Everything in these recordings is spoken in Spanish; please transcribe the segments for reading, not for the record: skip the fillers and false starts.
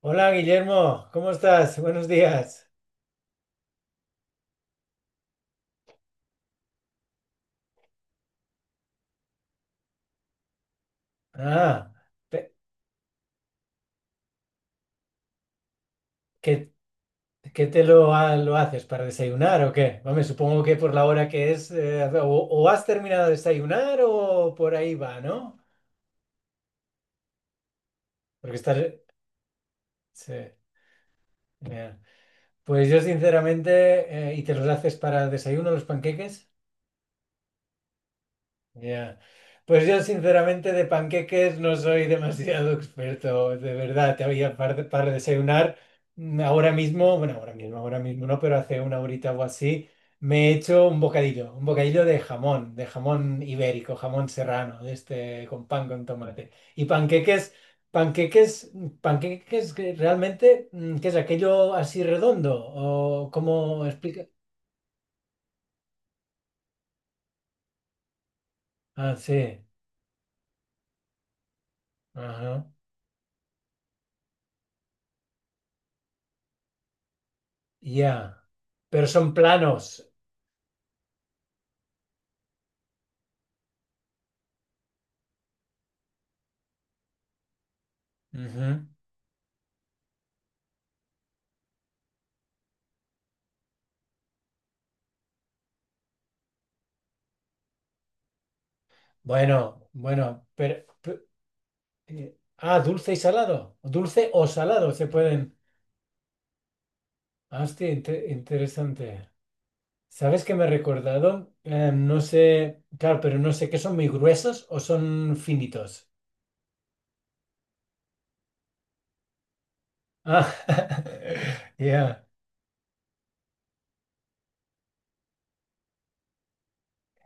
Hola Guillermo, ¿cómo estás? Buenos días. Ah, pe- ¿Qué, qué te lo, lo haces para desayunar o qué? Vamos, supongo que por la hora que es, o has terminado de desayunar o por ahí va, ¿no? Porque estás... sí, ya. Pues yo sinceramente, ¿y te los haces para desayuno los panqueques? Ya. Pues yo sinceramente de panqueques no soy demasiado experto, de verdad, te había para desayunar. Ahora mismo, bueno, ahora mismo no, pero hace una horita o así, me he hecho un bocadillo de jamón ibérico, jamón serrano, de este con pan con tomate. Y panqueques que realmente, ¿qué es aquello así redondo? ¿O cómo explica? Ah, sí. Ajá. Ya. Pero son planos. Ujú. Bueno, bueno, dulce y salado. Dulce o salado se pueden. Hostia, interesante. ¿Sabes qué me he recordado? No sé, claro, pero no sé qué son muy gruesos o son finitos. Ah, ya.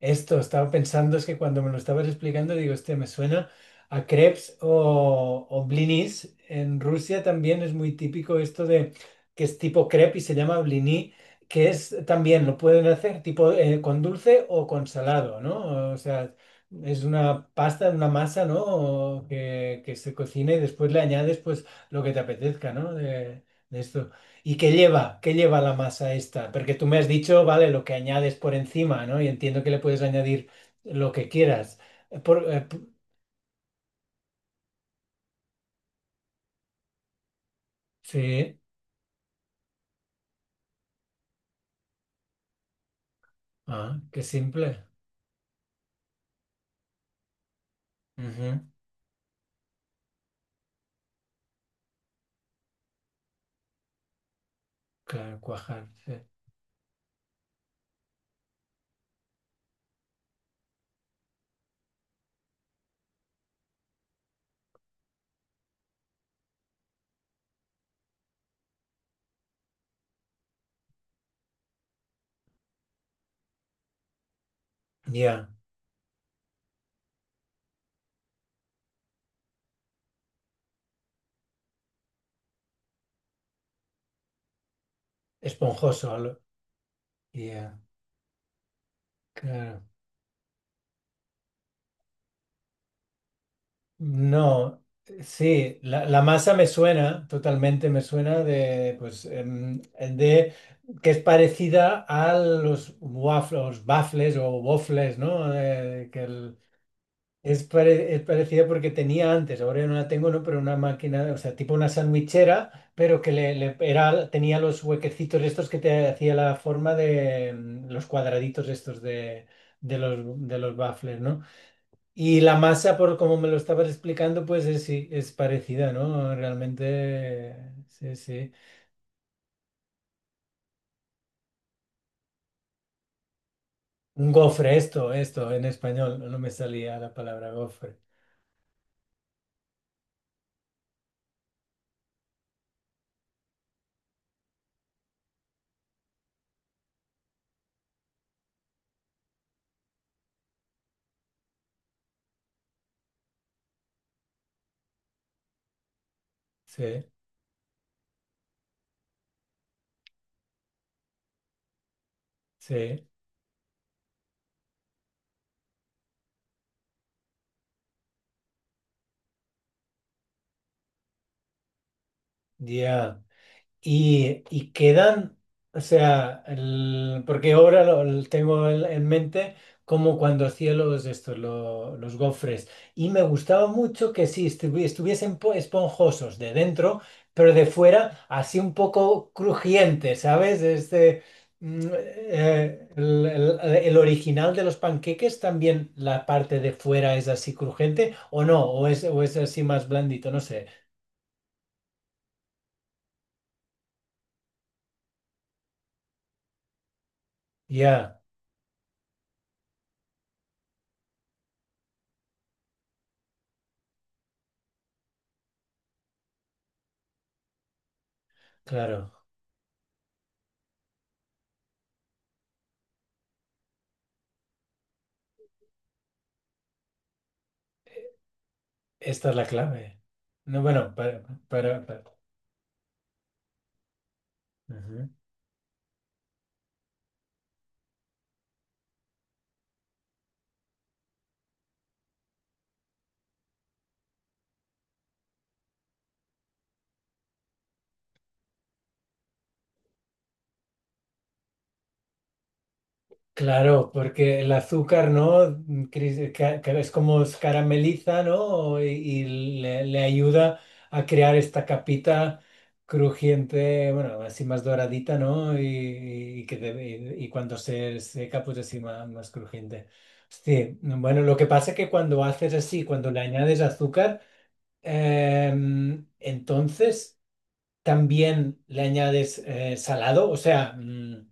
Esto, estaba pensando, es que cuando me lo estabas explicando, digo, este me suena a crepes o blinis. En Rusia también es muy típico esto de que es tipo crepe y se llama blini, que es también lo pueden hacer tipo con dulce o con salado, ¿no? O sea, es una pasta, una masa, ¿no? O que se cocina y después le añades pues lo que te apetezca, ¿no? De esto. ¿Y qué lleva? ¿Qué lleva la masa esta? Porque tú me has dicho, vale, lo que añades por encima, ¿no? Y entiendo que le puedes añadir lo que quieras. Eh, por- eh, p- sí, ah, qué simple. Ujú, claro, cuajar, sí. Ya, esponjoso. Ya, claro. No, sí, la masa me suena, totalmente me suena de, pues, de que es parecida a los waffles, baffles o waffles, ¿no? Es, es parecida porque tenía antes, ahora no la tengo, ¿no? Pero una máquina, o sea, tipo una sandwichera, pero que le, era, tenía los huequecitos estos que te hacía la forma de los cuadraditos estos de los baffles, ¿no? Y la masa, por como me lo estabas explicando, pues es, sí, es parecida, ¿no? Realmente, sí, sí. Un gofre, esto, en español, no me salía la palabra gofre. Sí, sí, ya. Y quedan, o sea, porque ahora lo tengo en mente como cuando hacía los, estos, los gofres. Y me gustaba mucho que sí, estuviesen esponjosos de dentro, pero de fuera así un poco crujiente, ¿sabes? Este, el, el original de los panqueques también la parte de fuera es así crujiente, o no, o es así más blandito, no sé. Ya, claro. Esta es la clave. No, bueno, para, para- ujú. Claro, porque el azúcar, ¿no? Es como se carameliza, ¿no? Y le, le ayuda a crear esta capita crujiente, bueno, así más doradita, ¿no? Y cuando se seca, pues así más, más crujiente. Sí, bueno, lo que pasa es que cuando haces así, cuando le añades azúcar, entonces también le añades salado, o sea,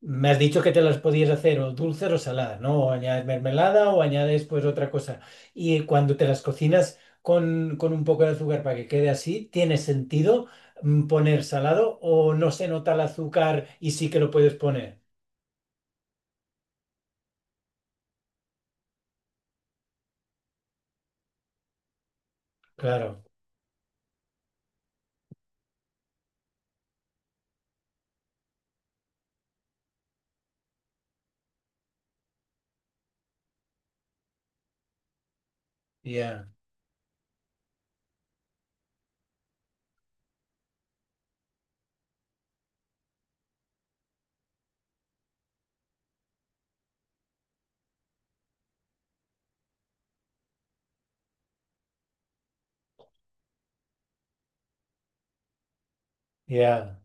me has dicho que te las podías hacer o dulces o saladas, ¿no? O añades mermelada o añades pues otra cosa. Y cuando te las cocinas con un poco de azúcar para que quede así, ¿tiene sentido poner salado o no se nota el azúcar y sí que lo puedes poner? Claro, ya, ya.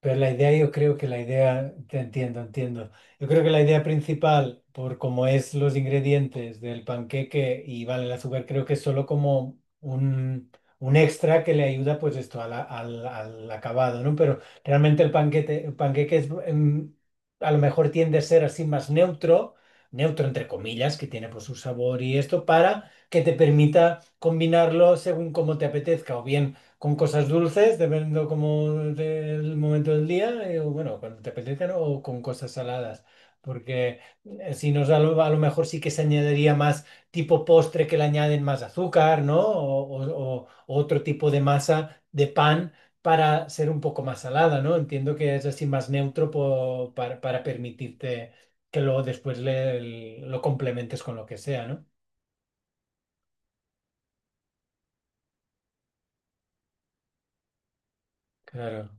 Pero la idea, yo creo que la idea, te entiendo, entiendo. Yo creo que la idea principal, por cómo es los ingredientes del panqueque y vale el azúcar, creo que es solo como un extra que le ayuda pues esto a al, al acabado, ¿no? Pero realmente el panquete, el panqueque es, a lo mejor tiende a ser así más neutro, neutro entre comillas, que tiene pues su sabor y esto, para que te permita combinarlo según como te apetezca, o bien con cosas dulces, dependiendo como del momento del día, o bueno, cuando te apetezcan, o con cosas saladas. Porque si nos a lo mejor sí que se añadiría más tipo postre que le añaden más azúcar, ¿no? O, o otro tipo de masa de pan para ser un poco más salada, ¿no? Entiendo que es así más neutro para permitirte que luego después lo complementes con lo que sea, ¿no? Claro,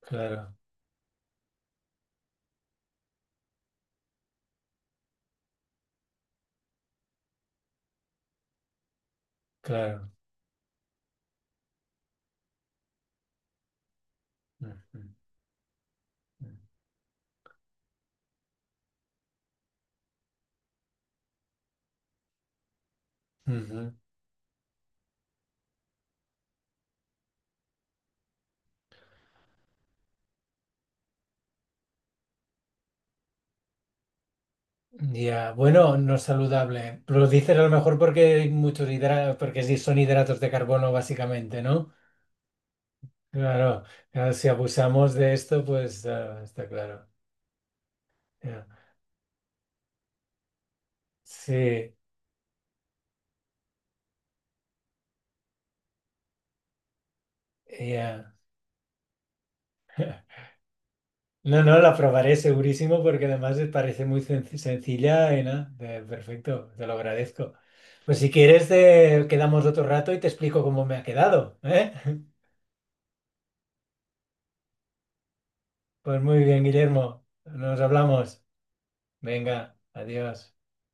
claro, claro. Ujú. Ujú. Ya, bueno, no es saludable. Pero lo dices a lo mejor porque hay muchos hidratos, porque sí son hidratos de carbono básicamente, ¿no? Claro, claro, si abusamos de esto, pues ah, está claro. Ya. Sí, ya. No, no, la probaré segurísimo porque además me parece muy sencilla y nada, perfecto, te lo agradezco. Pues si quieres, quedamos otro rato y te explico cómo me ha quedado, ¿eh? Pues muy bien, Guillermo, nos hablamos. Venga, adiós.